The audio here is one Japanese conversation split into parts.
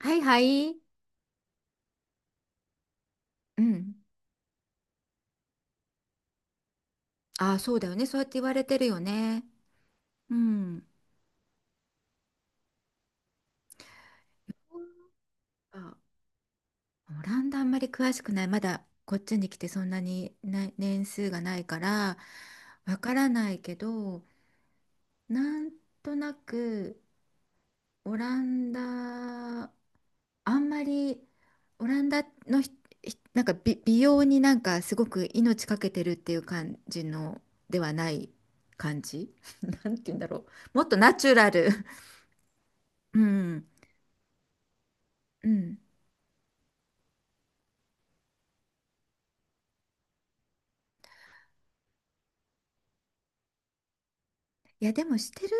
はいはい。うん。ああ、そうだよね。そうやって言われてるよね。うん。あ、オランダあんまり詳しくない。まだこっちに来てそんなに年数がないからわからないけど、なんとなくオランダ、あんまりオランダのなんか美容になんかすごく命かけてるっていう感じのではない感じ。なんて言うんだろう。もっとナチュラル。うん。うん。いや、でもしてる、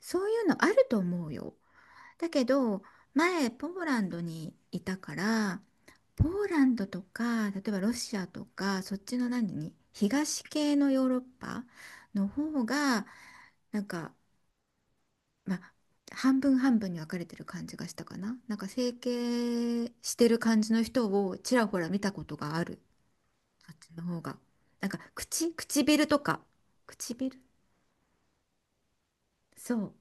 そういうのあると思うよ。だけど、前、ポーランドにいたから、ポーランドとか、例えばロシアとか、そっちの東系のヨーロッパの方が、なんか、まあ、半分半分に分かれてる感じがしたかな。なんか整形してる感じの人をちらほら見たことがある。あっちの方が。なんか唇とか。唇そう。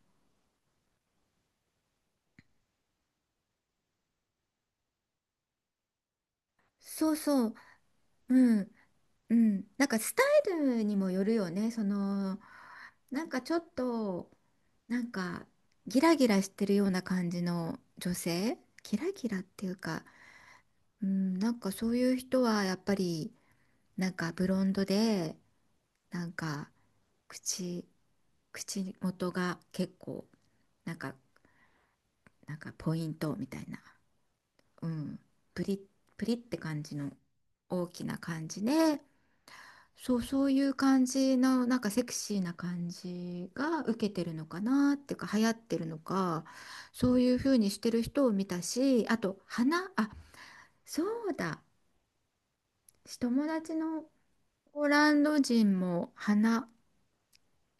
そうそう。うん。うん、なんかスタイルにもよるよね。そのなんかちょっとなんかギラギラしてるような感じの女性、ギラギラっていうか、うん、なんかそういう人はやっぱりなんかブロンドでなんか口口元が結構なんかなんかポイントみたいな、うん、プリップリって感じの大きな感じで。そう、そういう感じの、なんかセクシーな感じが受けてるのかなっていうか、流行ってるのか、そういう風にしてる人を見たし、あと、あ、そうだ、友達のポーランド人も花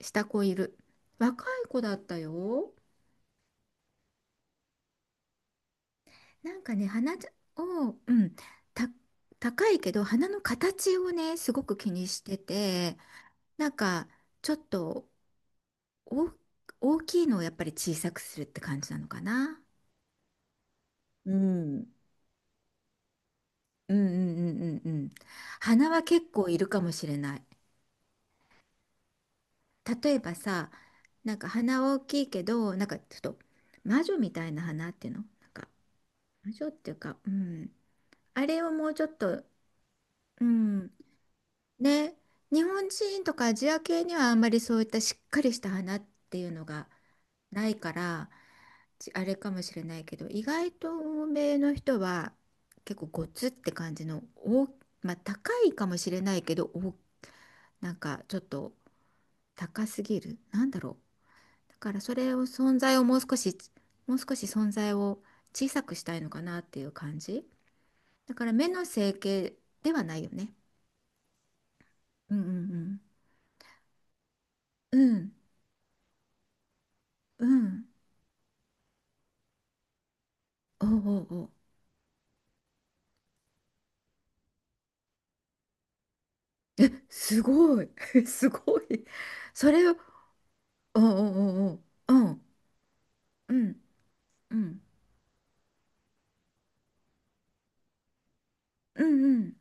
した子いる。若い子だったよ。なんかね、花じゃを、うん、た、高いけど、花の形をね、すごく気にしてて、なんか、ちょっと、お、大きいのをやっぱり小さくするって感じなのかな。うん。うんうんうんうんうん。花は結構いるかもしれない。例えばさ、なんか花は大きいけど、なんかちょっと魔女みたいな花っていうのなんか魔女っていうか、うん。あれをもうちょっと、うん。ね、日本人とかアジア系にはあんまりそういったしっかりした花っていうのがないから、あれかもしれないけど意外と欧米の人は結構ゴツって感じのまあ高いかもしれないけどおなんかちょっと高すぎるなんだろうだからそれを存在をもう少し存在を小さくしたいのかなっていう感じだから目の整形ではないよね。うんうんうんうんうんおうおうおうえすごい すごいそれをおうおうおうおううんうんうん、うん、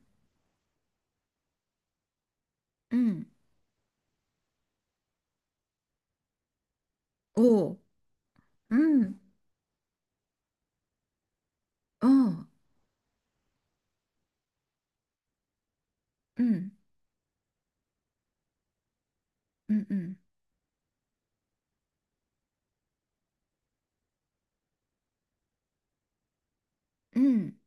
うん、うん、おう、うん、おう、うん、うん、うん、うん、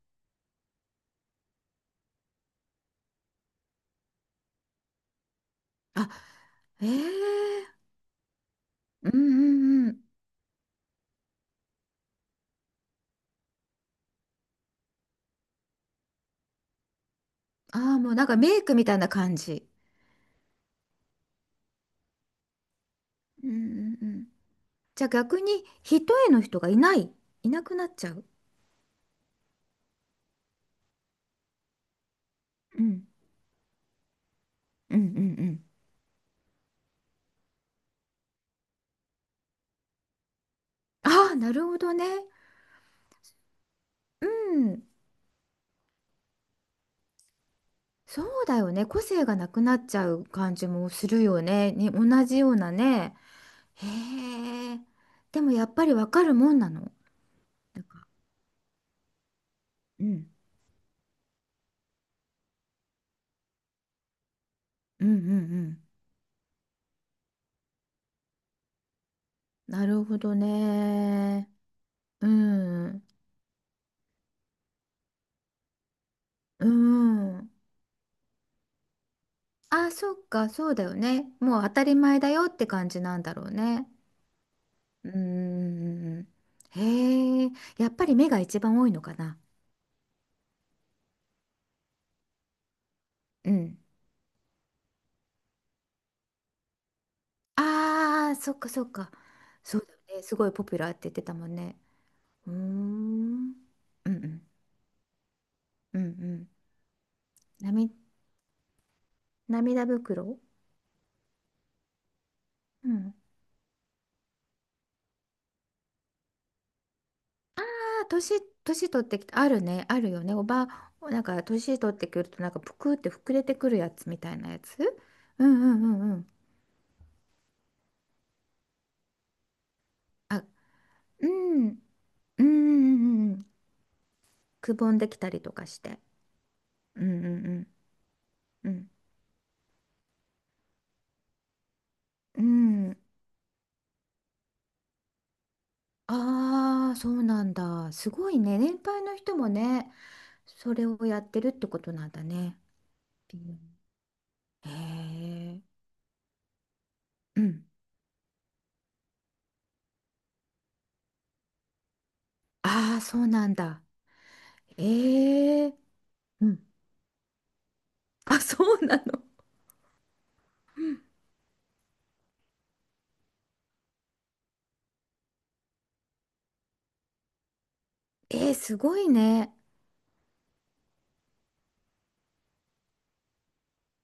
あ、ええうん、うん、うん、ああ、もうなんかメイクみたいな感じ。うん、うん、うん。じゃあ逆に、一重の人がいなくなっちゃう。うん、うん、うん、うん。ああ、なるほどね。うん、そうだよね。個性がなくなっちゃう感じもするよね。同じようなね。へえ。でもやっぱりわかるもんなの。なんかうんうんうんうん。なるほどね。うん。うん。あ、そっか、そうだよね。もう当たり前だよって感じなんだろうね。うん。へえ、やっぱり目が一番多いのかな。うん。ああ、そっかそっか。そうだよね。すごいポピュラーって言ってたもんね。うーん。うんうん。うんうん。なみ涙袋うん。まあ年取ってきて、あるね、あるよね。なんか年取ってくると、なんかぷくって膨れてくるやつみたいなやつ。うんうんうんうん。あ、うん、うんうんうんうん。くぼんできたりとかして。うんうんうん。うん。うん。ああ、そうなんだ。すごいね。年配の人もね、それをやってるってことなんだね。うんへえ。うん。ああ、そうなんだ。ええ。うん。あ、そうなの。えー、すごいね。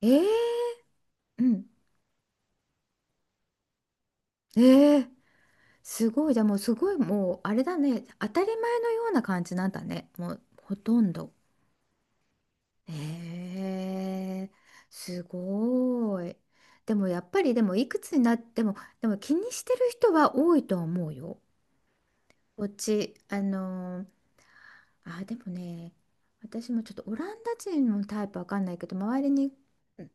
えー、うん。えー、すごい。じゃあもうすごい、もうあれだね。当たり前のような感じなんだね。もうほとんど。えー、すごい。でもやっぱり、でもいくつになっても、でも気にしてる人は多いと思うよ。こっち、あ、でもね、私もちょっとオランダ人のタイプわかんないけど、周りに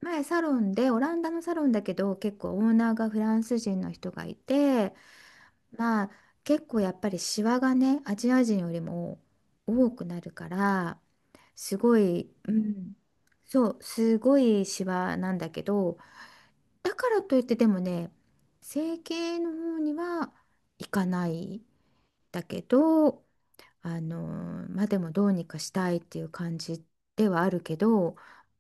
前サロンで、オランダのサロンだけど、結構オーナーがフランス人の人がいて、まあ結構やっぱりシワがね、アジア人よりも多くなるから、すごい、うん、そう、すごいシワなんだけど、だからといってでもね、整形の方には行かない。だけど、あのまあでもどうにかしたいっていう感じではあるけど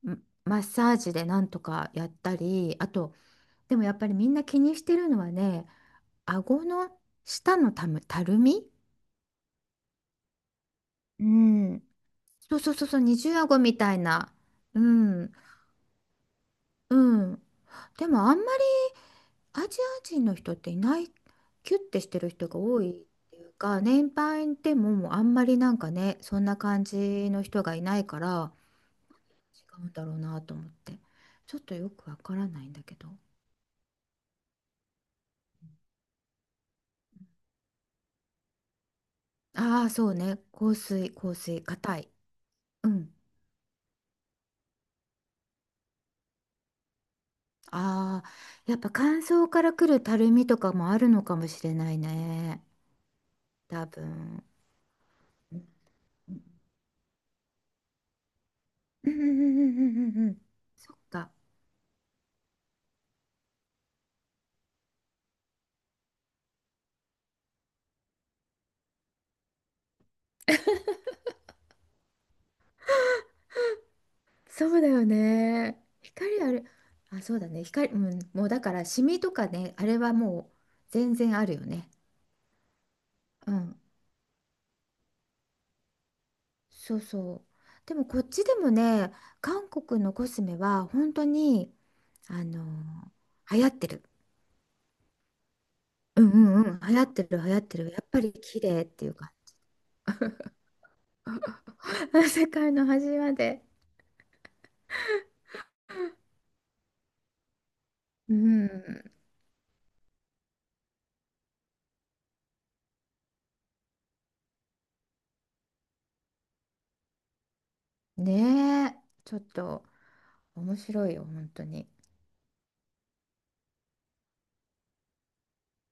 んマッサージでなんとかやったりあとでもやっぱりみんな気にしてるのはね顎の下のたるみうんそうそうそうそう二重顎みたいなうんうんでもあんまりアジア人の人っていないキュッてしてる人が多いっていうか年配でももうあんまりなんかねそんな感じの人がいないから違うんだろうなと思って。ちょっとよくわからないんだけど。ああ、そうね。香水、香水、硬い。うん。ああ、やっぱ乾燥からくるたるみとかもあるのかもしれないね。多分。うんうんうんうんうんうん。そっか。そうだよね。光ある。あ、そうだね。光、うん、もうだからシミとかね、あれはもう全然あるよね。うんそうそうでもこっちでもね韓国のコスメは本当にあの流行ってるうんうんうん流行ってる流行ってるやっぱり綺麗っていうか 世界の端までうんねえちょっと面白いよ本当に